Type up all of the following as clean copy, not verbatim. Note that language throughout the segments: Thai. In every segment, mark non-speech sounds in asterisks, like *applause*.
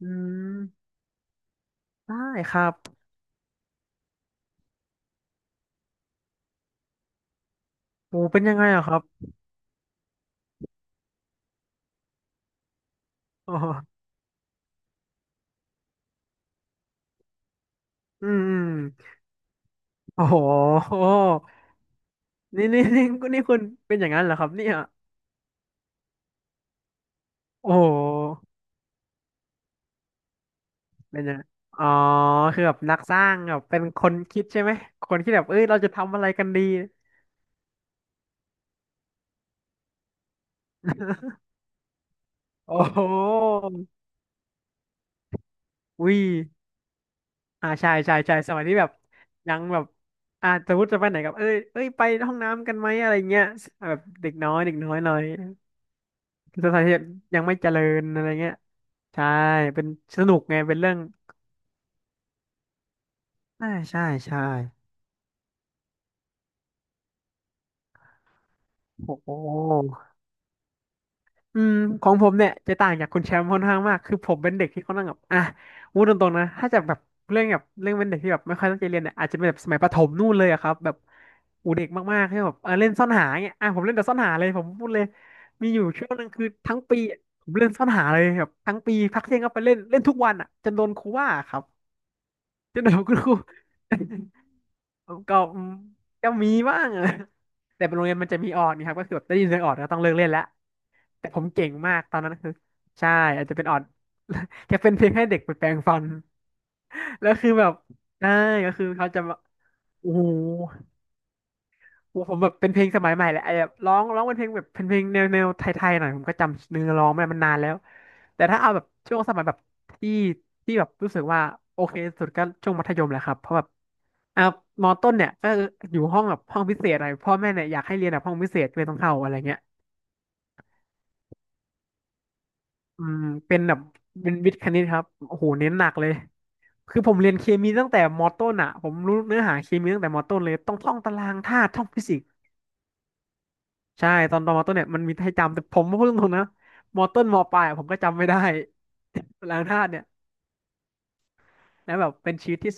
อืมได้ครับโอ้เป็นยังไงอะครับอ๋ออืมอืมโอ้โหนี่นี่นี่นี่คุณเป็นอย่างนั้นเหรอครับเนี่ยโอ้โหเป็นยังไงอ๋อคือแบบนักสร้างแบบเป็นคนคิดใช่ไหมคนที่แบบเอ้ยเราจะทำอะไรกันดีโอ้โหอุ้ยอ่าใช่ใช่ใช่สมัยที่แบบยังแบบอ่าสมมติจะไปไหนกับเอ้ยไปห้องน้ำกันไหมอะไรเงี้ยแบบเด็กน้อยเด็กน้อยหน่อย สถานที่ยังไม่เจริญอะไรเงี้ยใช่เป็นสนุกไงเป็นเรื่องอ่าใช่ใช่โอ้โหอืมของผมเนี่ยจะต่างจากคุณแชมป์ค่อนข้างมากคือผมเป็นเด็กที่ค่อนข้างแบบอ่ะพูดตรงๆนะถ้าจะแบบเรื่องแบบเรื่องเป็นเด็กที่แบบไม่ค่อยตั้งใจเรียนเนี่ยอาจจะเป็นแบบสมัยประถมนู่นเลยอะครับแบบอูเด็กมากๆที่แบบเออเล่นซ่อนหาเงี้ยอ่ะผมเล่นแต่ซ่อนหาเลยผมพูดเลยมีอยู่ช่วงหนึงคือทั้งปีอะผมเล่นซ่อนหาเลยแบบทั้งปีพักเที่ยงก็ไปเล่นเล่นทุกวันอ่ะจนโดนครูว่าครับจนโดนคุณครู ก็อืมก็มีบ้างอะ *laughs* แต่เป็นโรงเรียนมันจะมีออดนะครับก็คือแบบได้ยินเสียงออดก็ต้องเลิกเล่นแล้วแต่ผมเก่งมากตอนนั้นคือใช่อาจจะเป็นออด *laughs* แค่เป็นเพลงให้เด็กไปแปรงฟันแล้วคือแบบใช่ก็คือเขาจะมาโอ้โห โอ้ผมแบบเป็นเพลงสมัยใหม่แหละไอ้แบบร้องเป็นเพลงแบบเป็นเพลงแนวแนวไทยๆหน่อยผมก็จำเนื้อร้องไม่ได้มันนานแล้วแต่ถ้าเอาแบบช่วงสมัยแบบที่ที่แบบรู้สึกว่าโอเคสุดก็ช่วงมัธยมแหละครับเพราะแบบอ่ะมอต้นเนี่ยก็อยู่ห้องแบบห้องพิเศษหน่อยพ่อแม่เนี่ยอยากให้เรียนแบบห้องพิเศษก็เลยต้องเข้าอะไรเงี้ยอืมเป็นแบบเป็นวิทย์คณิตครับโอ้โหเน้นหนักเลยคือผมเรียนเคมีตั้งแต่มอต้นอ่ะผมรู้เนื้อหาเคมีตั้งแต่มอต้นเลยต้องท่องตารางธาตุท่องฟิสิกส์ ใช่ตอนมอต้นเนี่ยมันมีให้จำแต่ผมพูดตรงๆนะมอต้นมอปลายอะผมก็จำไม่ได้ *laughs* ล้างธาตุเนี่ยแล้วแบบเป็นชีวิตที่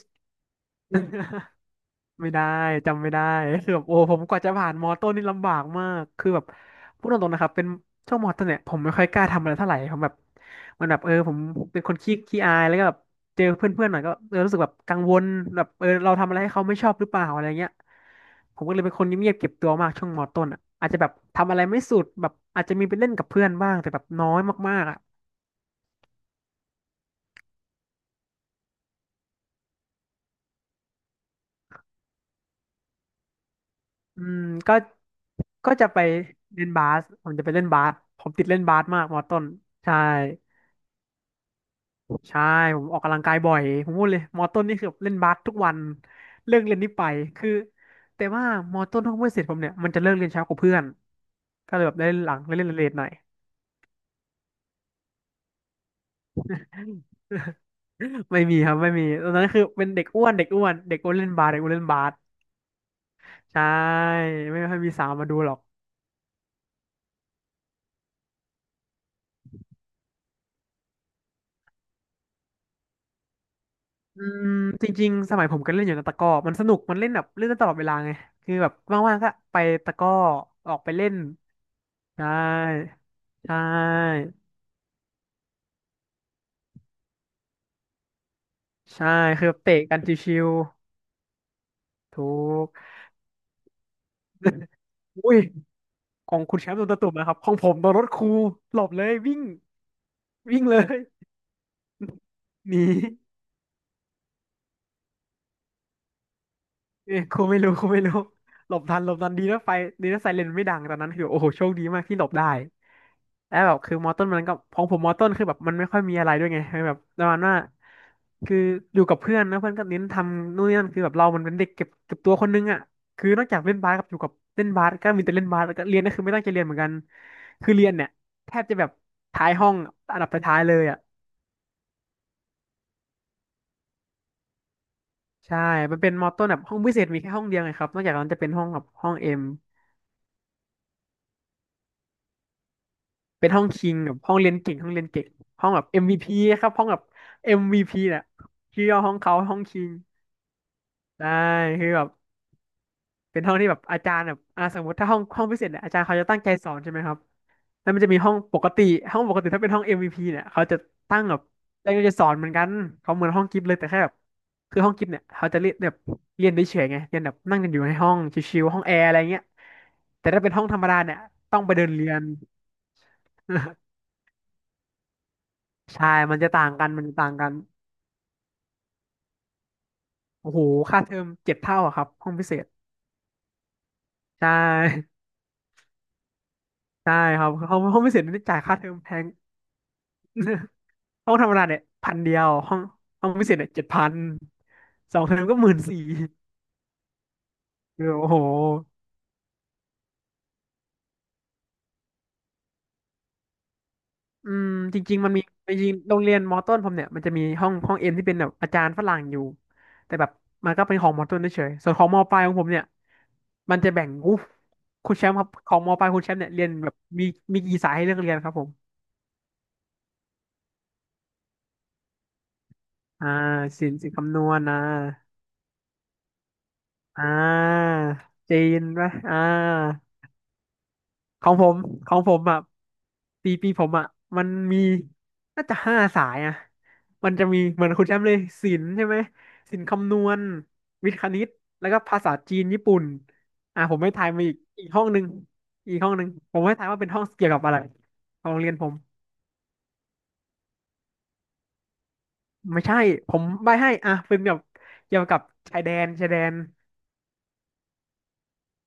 *laughs* ไม่ได้จำไม่ได้ *laughs* คือแบบโอ้ผมกว่าจะผ่านมอต้นนี่ลำบากมากคือแบบพูดตรงๆนะครับเป็นช่วงมอต้นเนี่ยผมไม่ค่อยกล้าทำอะไรเท่าไหร่ผมแบบมันแบบเออผมเป็นคนขี้อายแล้วก็แบบเจอเพื่อนๆหน่อยก็เออรู้สึกแบบกังวลแบบเออเราทำอะไรให้เขาไม่ชอบหรือเปล่าอะไรเงี้ยผมก็เลยเป็นคนเงียบๆเก็บตัวมากช่วงมอต้นอ่ะอาจจะแบบทำอะไรไม่สุดแบบอาจจะมีไปเล่นกับเพื่อนบ้างแต่แบบน้อยมากๆอ่ะอืมก็ก็จะไปเล่นบาสผมจะไปเล่นบาสผมติดเล่นบาสมากมอต้นใช่ ใช่ผมออกกำลังกายบ่อยผมพูดเลยมอต้นนี่คือแบบเล่นบาสทุกวันเลิกเรียนนี่ไปคือแต่ว่ามอต้นห้องเพื่อนเสร็จผมเนี่ยมันจะเลิกเรียนเช้ากว่าเพื่อนก็เลยแบบได้เล่นหลังได้เล่นเลทหน่อยไม่มีครับไม่มีตอนนั้นคือเป็นเด็กอ้วนเด็กอ้วนเด็กอ้วนเล่นบาสเด็กอ้วนเล่นบาสใช่ไม่ค่อยมีสาวมาดูหรอกอืมจริงๆสมัยผมก็เล่นอยู่นะตะกร้อมันสนุกมันเล่นแบบเล่นได้ตลอดเวลาไงคือแบบว่างๆก็ไปตะกร้อออกไปเล่นใช่ใช่ใช่คือแบบเตะกันชิว ถูก *laughs* อุ้ยของคุณแชมป์โดนตะตุ่มนะครับ ของผมโดนรถครูหลบเลยวิ่งวิ่งเลย *laughs* หนีเอ้ยครูไม่รู้ครูไม่รู้ หลบทันหลบทันดีนะไฟดีนะไซเรนไม่ดังตอนนั้นคือโอ้โหโชคดีมากที่หลบได้ แล้วแบบคือมอต้นมันก็ของผมมอต้นคือแบบมันไม่ค่อยมีอะไรด้วยไงแบบประมาณว่าคืออยู่กับเพื่อนนะเพื่อนก็เน้นทำนู่นนี่นั่นคือแบบเรามันเป็นเด็กเก็บตัวคนนึงอ่ะคือนอกจากเล่นบาสกับอยู่กับเล่นบาสก็มีแต่เล่นบาสแล้วก็เรียนก็คือไม่ตั้งใจเรียนเหมือนกันคือเรียนเนี่ยแทบจะแบบท้ายห้องอันดับท้ายๆเลยอ่ะใช่มันเป็นมอต้นแบบห้องพิเศษมีแค่ห้องเดียวไงครับนอกจากนั้นจะเป็นห้องแบบห้องเอ็มเป็นห้องคิงกับห้องเรียนเก่งห้องเรียนเก่งห้องแบบ MVP ครับห้องแบบ MVP เนี่ยชื่อย่อห้องเขาห้องคิง ได้คือแบบเป็นห้องที่แบบอาจารย์แบบสมมติถ้าห้องพิเศษเนี่ยอาจารย์เขาจะตั้งใจสอนใช่ไหมครับแล้วมันจะมีห้องปกติห้องปกติถ้าเป็นห้อง MVP เนี่ยเขาจะตั้งแบบอาจารย์ก็จะสอนเหมือนกันเขาเหมือนห้องกิฟต์เลยแต่แค่แบบคือห้องกิฟต์เนี่ยเขาจะเรียนแบบเรียนได้เฉยๆไงเรียนแบบนั่งกันอยู่ในห้องชิวๆห้องแอร์อะไรเงี้ยแต่ถ้าเป็นห้องธรรมดาเนี่ยต้องไปเดินเรียน *laughs* ใช่ มันจะต่างกันมันจะต่างกันโอ้โหค่าเทอมเจ็ดเท่าอะครับห้องพิเศษใช่ใช่ครับห้องพิเศษนี่จ่ายค่าเทอมแพง ห้องธรรมดาเนี่ยพันเดียวห้องห้องพิเศษเนี่ยเจ็ดพันสองเทอมก็หมื่นสี่คือโอ้โหอืมจริงๆมันมีจริงๆโรงเรียนมอต้นผมเนี่ยมันจะมีห้องเอ็นที่เป็นแบบอาจารย์ฝรั่งอยู่แต่แบบมันก็เป็นของมอต้นเฉยๆส่วนของมอปลายของผมเนี่ยมันจะแบ่งอู้คุณแชมป์ครับของมอปลายคุณแชมป์เนี่ยเรียนแบบมีมีกี่สายให้เลือกเรียนครับผมอ่าศิลป์คำนวณนะอ่าจีนปะอ่า ของผมของผมอ่ะปีผมอ่ะมันมีน่าจะห้าสายอ่ะมันจะมีเหมือนคุณแชมป์เลยศิลป์ใช่ไหมศิลป์คำนวณวิทย์คณิตแล้วก็ภาษาจีนญี่ปุ่นอ่ะผมให้ทายมาอีกห้องหนึ่งอีกห้องหนึ่งผมให้ทายว่าเป็นห้องเกี่ยวกับอะไรของโรงเรียนผมไม่ใช่ผมใบให้อ่ะเป็นแบบเกี่ยวกับชายแดน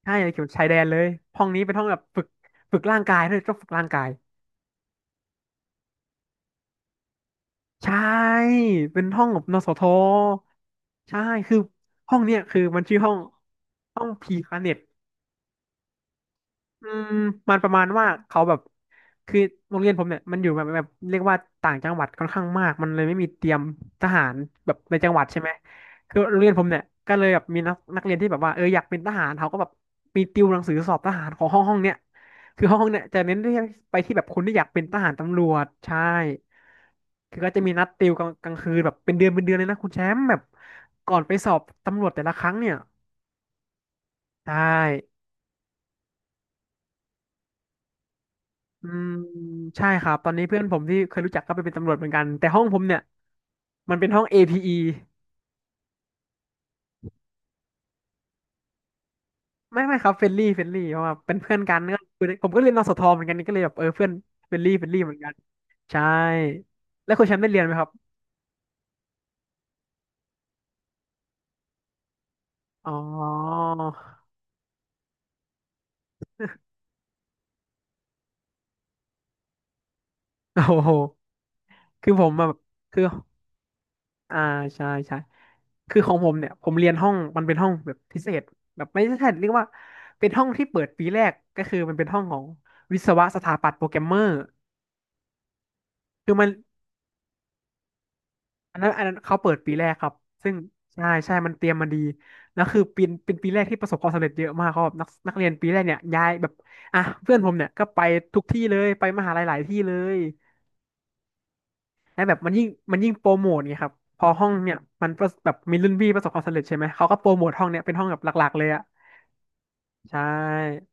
ใช่เกี่ยวกับชายแดนเลยห้องนี้เป็นห้องแบบฝึกฝึกร่างกายด้วยต้องฝึกร่างกาย ใช่ เป็นห้องกับนสทใช่ คือห้องเนี้ยคือมันชื่อห้องห้องพีคาเน็ต อืมมันประมาณว่าเขาแบบคือโรงเรียนผมเนี่ยมันอยู่แบบเรียกว่าต่างจังหวัดค่อนข้างมากมันเลยไม่มีเตรียมทหารแบบในจังหวัดใช่ไหมคือโรงเรียนผมเนี่ยก็เลยแบบมีนักเรียนที่แบบว่าเอออยากเป็นทหารเขาก็แบบมีติวหนังสือสอบทหารของห้องเนี่ยคือห้องเนี่ยจะเน้นที่ไปที่แบบคนที่อยากเป็นทหารตำรวจใช่คือก็จะมีนัดติวกลางกลางคืนแบบเป็นเดือนเลยนะคุณแชมป์แบบก่อนไปสอบตำรวจแต่ละครั้งเนี่ยใช่ อืมใช่ครับตอนนี้เพื่อนผมที่เคยรู้จักก็ไปเป็นตำรวจเหมือนกันแต่ห้องผมเนี่ยมันเป็นห้อง APE ไม่ครับเฟรนลี่เพราะว่าเป็นเพื่อนกันก็คือผมก็เรียนนสทเหมือนกันก็เลยแบบเออเพื่อนเฟรนลี่เหมือนกันใช่แล้วคุณแชมป์ได้เรียนไหมครับอ๋อโอ้โหคือผมอะแบบคืออ่าใช่คือของผมเนี่ยผมเรียนห้องมันเป็นห้องแบบพิเศษแบบไม่ใช่เรียกว่าเป็นห้องที่เปิดปีแรกก็คือมันเป็นห้องของวิศวะสถาปัตย์โปรแกรมเมอร์คือมัน อันนั้นเขาเปิดปีแรกครับซึ่งใช่มันเตรียมมาดีแล้วคือปีเป็นปีแรกที่ประสบความสำเร็จเยอะมากเขาแบบนักเรียนปีแรกเนี่ยย้ายแบบอ่ะเพื่อนผมเนี่ยก็ไปทุกที่เลยไปมหาลัยหลายที่เลยและแบบมันยิ่งโปรโมทไงครับพอห้องเนี่ยมันประสแบบมีรุ่นพี่ประสบความสำเร็จใช่ไหมเขาก็โปรโมทห้องเนี่ยเป็นห้องแบบหลักๆเลยอะใช่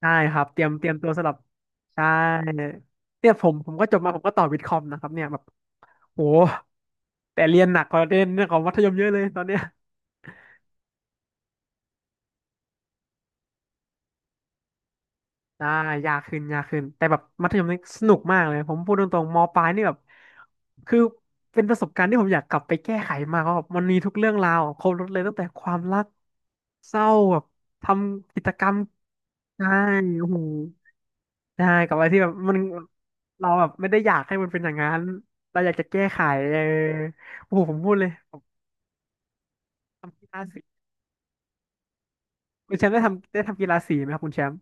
ใช่ครับเตรียมตัวสำหรับใช่เนี่ยผมก็จบมาผมก็ต่อวิทย์คอมนะครับเนี่ยแบบโหแต่เรียนหนักกว่าเรียนเรื่องของมัธยมเยอะเลยตอนเนี้ย ได้ยากขึ้นแต่แบบมัธยมนี่สนุกมากเลยผมพูดตรงๆมปลายนี่แบบคือเป็นประสบการณ์ที่ผมอยากกลับไปแก้ไขมากว่าแบบมันมีทุกเรื่องราวครบรสเลยตั้งแต่ความรักเศร้าแบบทำกิจกรรมใช่โอ้โหใช่กับอะไรที่แบบมันเราแบบไม่ได้อยากให้มันเป็นอย่างนั้นเราอยากจะแก้ไขเออโอ้โหผมพูดเลยผมทำกีฬาสีคุณแชมป์ได้ทำกีฬาสีไหมครับคุณแชมป์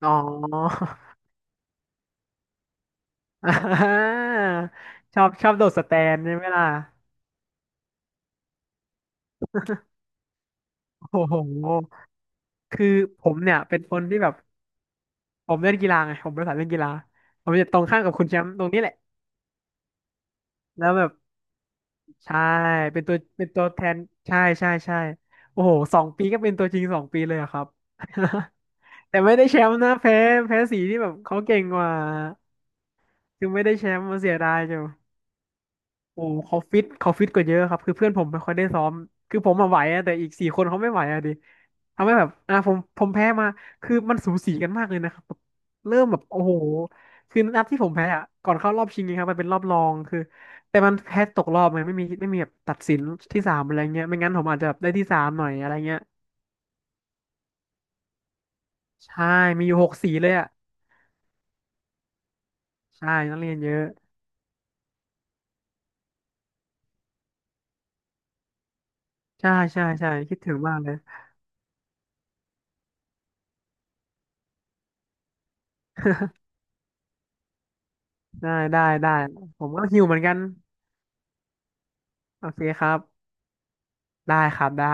อ๋อ *laughs* อ่าชอบโดดสแตนใช่ไหมล่ะ โอ้โหคือผมเนี่ยเป็นคนที่แบบผมเล่นกีฬาไง ผมเประสายเล่นกีฬาผมจะตรงข้ามกับคุณแชมป์ตรงนี้แหละ แล้วแบบใช่ เป็นตัวแทนใช่โอ้โหสองปีก็เป็นตัวจริงสองปีเลยอะครับ *laughs* แต่ไม่ได้แชมป์นะแพ้แพ้สีที่แบบเขาเก่งกว่า คือไม่ได้แชมป์มาเสียดายจังโอ้โหเขาฟิตกว่าเยอะครับคือเพื่อนผมไม่ค่อยได้ซ้อมคือผมมาไหวอะแต่อีกสี่คนเขาไม่ไหวอะดิ ทำให้แบบอ่าผมแพ้มาคือมันสูสีกันมากเลยนะครับแบบเริ่มแบบโอ้โหคือนัดที่ผมแพ้อ่ะก่อนเข้ารอบชิงนงครับมันเป็นรอบรองคือแต่มันแพ้ตกรอบไงไม่มีแบบตัดสินที่สามอะไรเงี้ยไม่งั้นผมอาจจะแบบได้ที่สามหน่อยอะไรเงี้ยใช่มีอยู่หกสีเลยอ่ะใช่นักเรียนเยอะใช่คิดถึงมากเลยได้ผมก็หิวเหมือนกันโอเคครับได้ครับได้